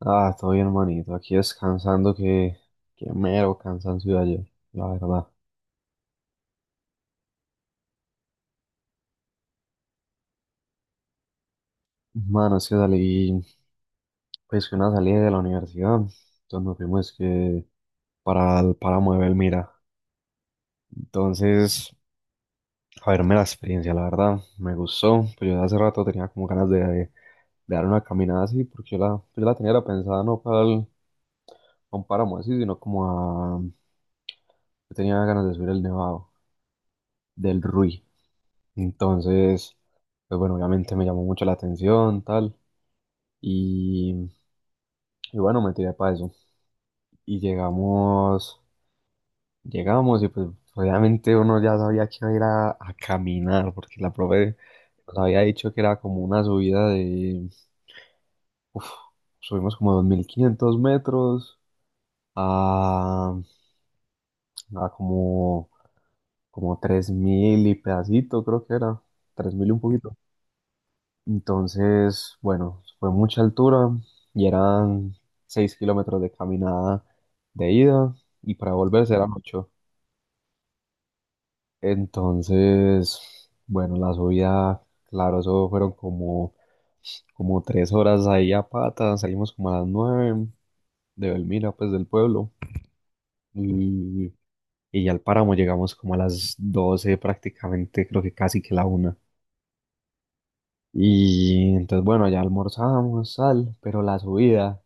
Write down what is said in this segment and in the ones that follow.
Ah, todo bien, manito. Aquí descansando, que mero cansancio de ayer, la verdad. Mano, es que salí, pues que una salida de la universidad. Entonces nos fuimos que para el páramo de Belmira. Entonces, a verme la experiencia, la verdad, me gustó. Pues yo hace rato tenía como ganas de dar una caminada así, porque yo la tenía era pensada no a un páramo así, sino como a... Yo tenía ganas de subir el nevado del Ruiz. Entonces, pues bueno, obviamente me llamó mucho la atención, tal. Y, y bueno, me tiré para eso. Y llegamos, Llegamos y pues obviamente uno ya sabía que iba a ir a caminar porque la profe nos había dicho que era como una subida de, uf, subimos como 2.500 metros a, a como, como 3.000 y pedacito creo que era, 3.000 y un poquito. Entonces, bueno, fue mucha altura y eran 6 kilómetros de caminada de ida y para volverse eran 8. Entonces, bueno, la subida, claro, eso fueron como, como 3 horas ahí a pata. Salimos como a las 9 de Belmira, pues del pueblo. Y, y ya al páramo llegamos como a las 12 prácticamente, creo que casi que la una. Y entonces, bueno, ya almorzamos, tal, pero la subida.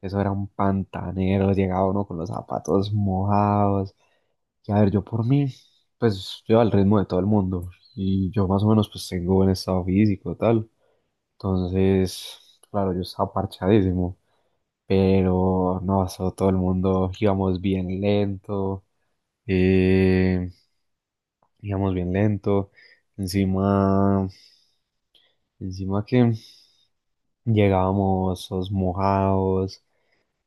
Eso era un pantanero, llegaba uno con los zapatos mojados. Y a ver, yo por mí, pues yo al ritmo de todo el mundo. Y yo más o menos pues tengo buen estado físico, tal. Entonces, claro, yo estaba parchadísimo. Pero no, eso, todo el mundo íbamos bien lento. eh, Íbamos bien lento. Encima, Encima que llegábamos todos mojados.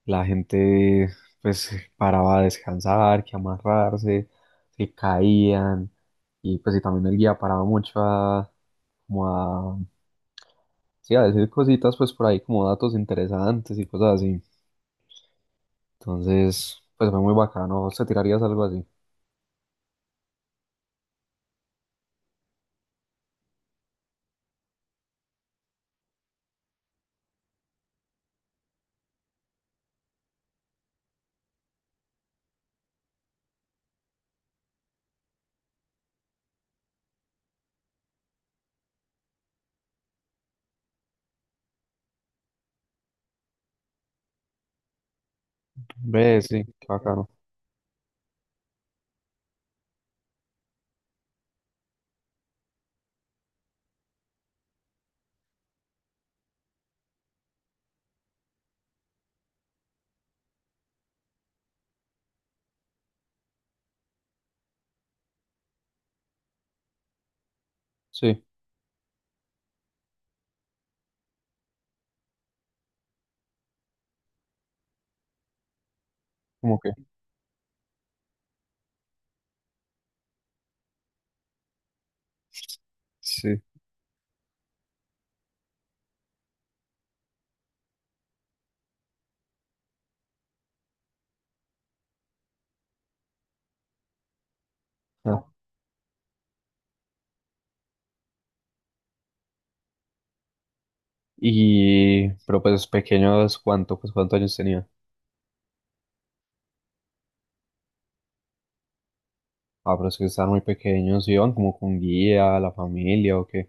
La gente pues paraba a descansar, que amarrarse, se caían y pues y también el guía paraba mucho a como a sí, a decir cositas pues por ahí como datos interesantes y cosas así. Entonces, pues fue muy bacano. ¿Vos te tirarías algo así? Ve, sí, qué bacano. Sí, como que sí. Ah, y pero pues pequeños, ¿cuánto? ¿Pues cuántos años tenía? Ah, pero es que estaban muy pequeños, iban como con guía, la familia o qué.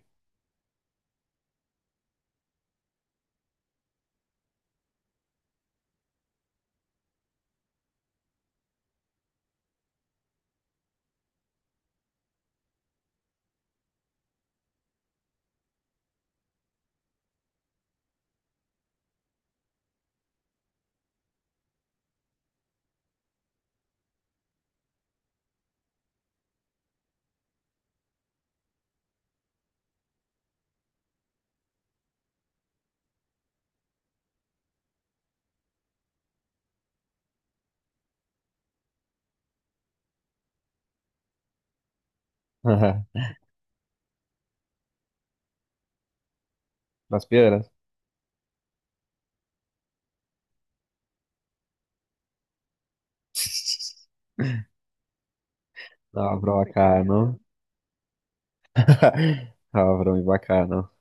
Ajá. Las piedras. No, muy pero bacano. No, pero muy bacano.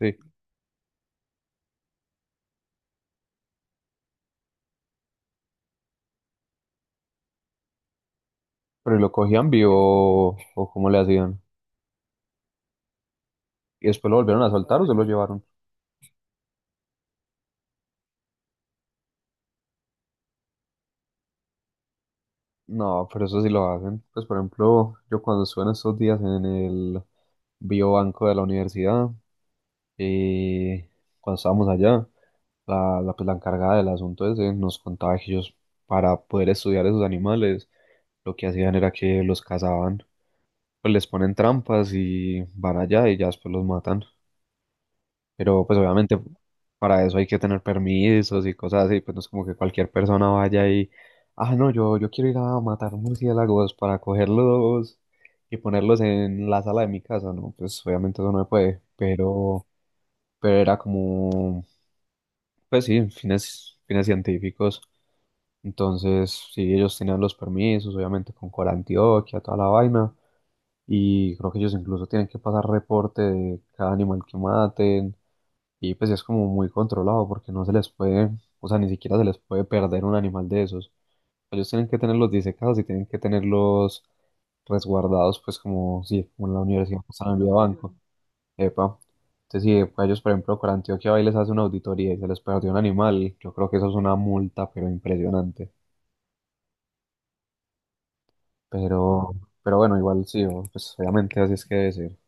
Sí. Pero ¿y lo cogían vivo o cómo le hacían? ¿Y después lo volvieron a soltar o se lo llevaron? No, pero eso sí lo hacen. Pues por ejemplo, yo cuando estuve en estos días en el biobanco de la universidad, y cuando estábamos allá, la encargada del asunto ese nos contaba que ellos, para poder estudiar esos animales, lo que hacían era que los cazaban. Pues les ponen trampas y van allá y ya después los matan. Pero pues obviamente para eso hay que tener permisos y cosas así, pues no es como que cualquier persona vaya y, ah, no, yo quiero ir a matar murciélagos para cogerlos y ponerlos en la sala de mi casa, ¿no? Pues obviamente eso no se puede, pero era como, pues sí, fines científicos. Entonces, sí, ellos tenían los permisos, obviamente con Corantioquia, toda la vaina. Y creo que ellos incluso tienen que pasar reporte de cada animal que maten y pues es como muy controlado porque no se les puede, o sea, ni siquiera se les puede perder un animal de esos. Ellos tienen que tenerlos disecados y tienen que tenerlos resguardados pues como, sí, como en la Universidad de San Luis de Banco. Epa. Entonces, si pues, ellos, por ejemplo, por Antioquia va y les hace una auditoría y se les perdió un animal, yo creo que eso es una multa, pero impresionante. Pero, pero bueno, igual sí, o- pues obviamente así es que debe ser.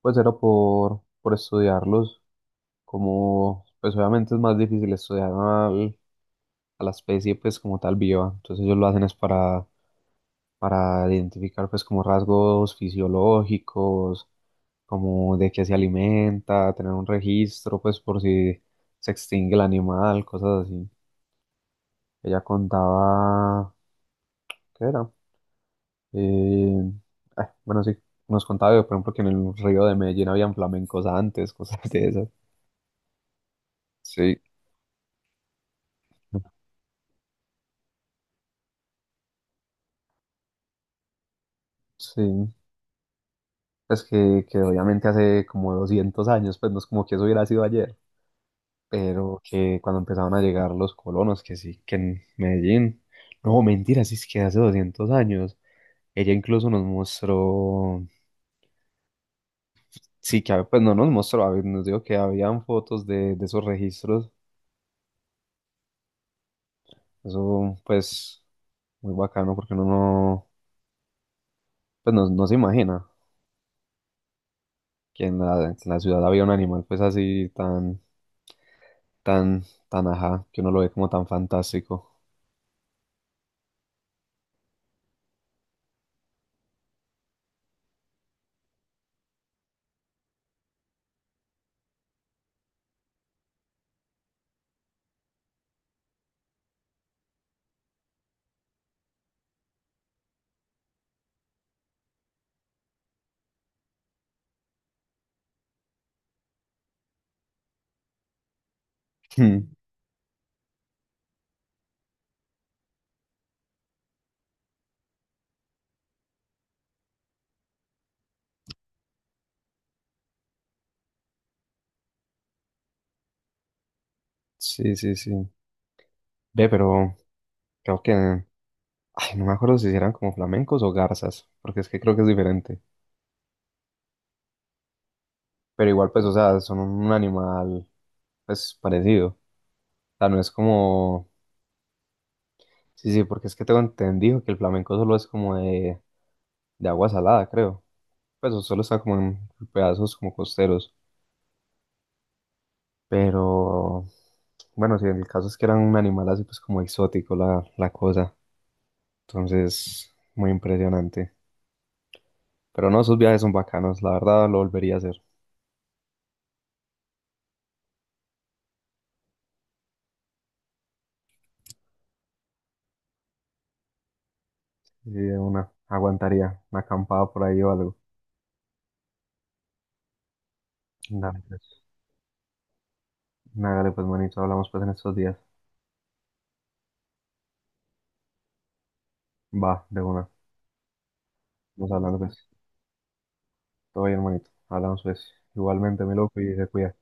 Pues era por estudiarlos, como pues obviamente es más difícil estudiar al- a la especie pues como tal viva, entonces ellos lo hacen es para identificar pues como rasgos fisiológicos, como de qué se alimenta, tener un registro pues por si se extingue el animal, cosas así. Ella contaba, ¿qué era? Eh, ah, bueno, sí, nos contaba por ejemplo que en el río de Medellín habían flamencos antes, cosas de esas. Sí. Sí, es que obviamente hace como 200 años, pues no es como que eso hubiera sido ayer, pero que cuando empezaron a llegar los colonos, que sí, que en Medellín, no, mentira, sí es que hace 200 años, ella incluso nos mostró, sí, que hab- pues no nos mostró, a ver, nos dijo que habían fotos de esos registros, eso pues muy bacano porque uno no, pues no, no se imagina que en la ciudad había un animal pues así tan, tan, tan ajá, que uno lo ve como tan fantástico. Hmm. Sí, sí, sí. Ve, pero creo que... Ay, no me acuerdo si eran como flamencos o garzas, porque es que creo que es diferente. Pero igual, pues, o sea, son un animal, pues, parecido. O sea, no es como... Sí, sí, porque es que tengo entendido que el flamenco solo es como de agua salada, creo. Pues, o solo está como en pedazos como costeros. Pero... Bueno, sí, el caso es que eran un animal así, pues, como exótico la cosa. Entonces, muy impresionante. Pero no, esos viajes son bacanos, la verdad lo volvería a hacer. Sí, de una, aguantaría una acampada por ahí o algo. Dale, pues. Hágale, pues, manito, hablamos pues en estos días. Va, de una. Vamos hablando pues. Todo bien, manito. Hablamos pues. Igualmente, mi loco, y se cuida.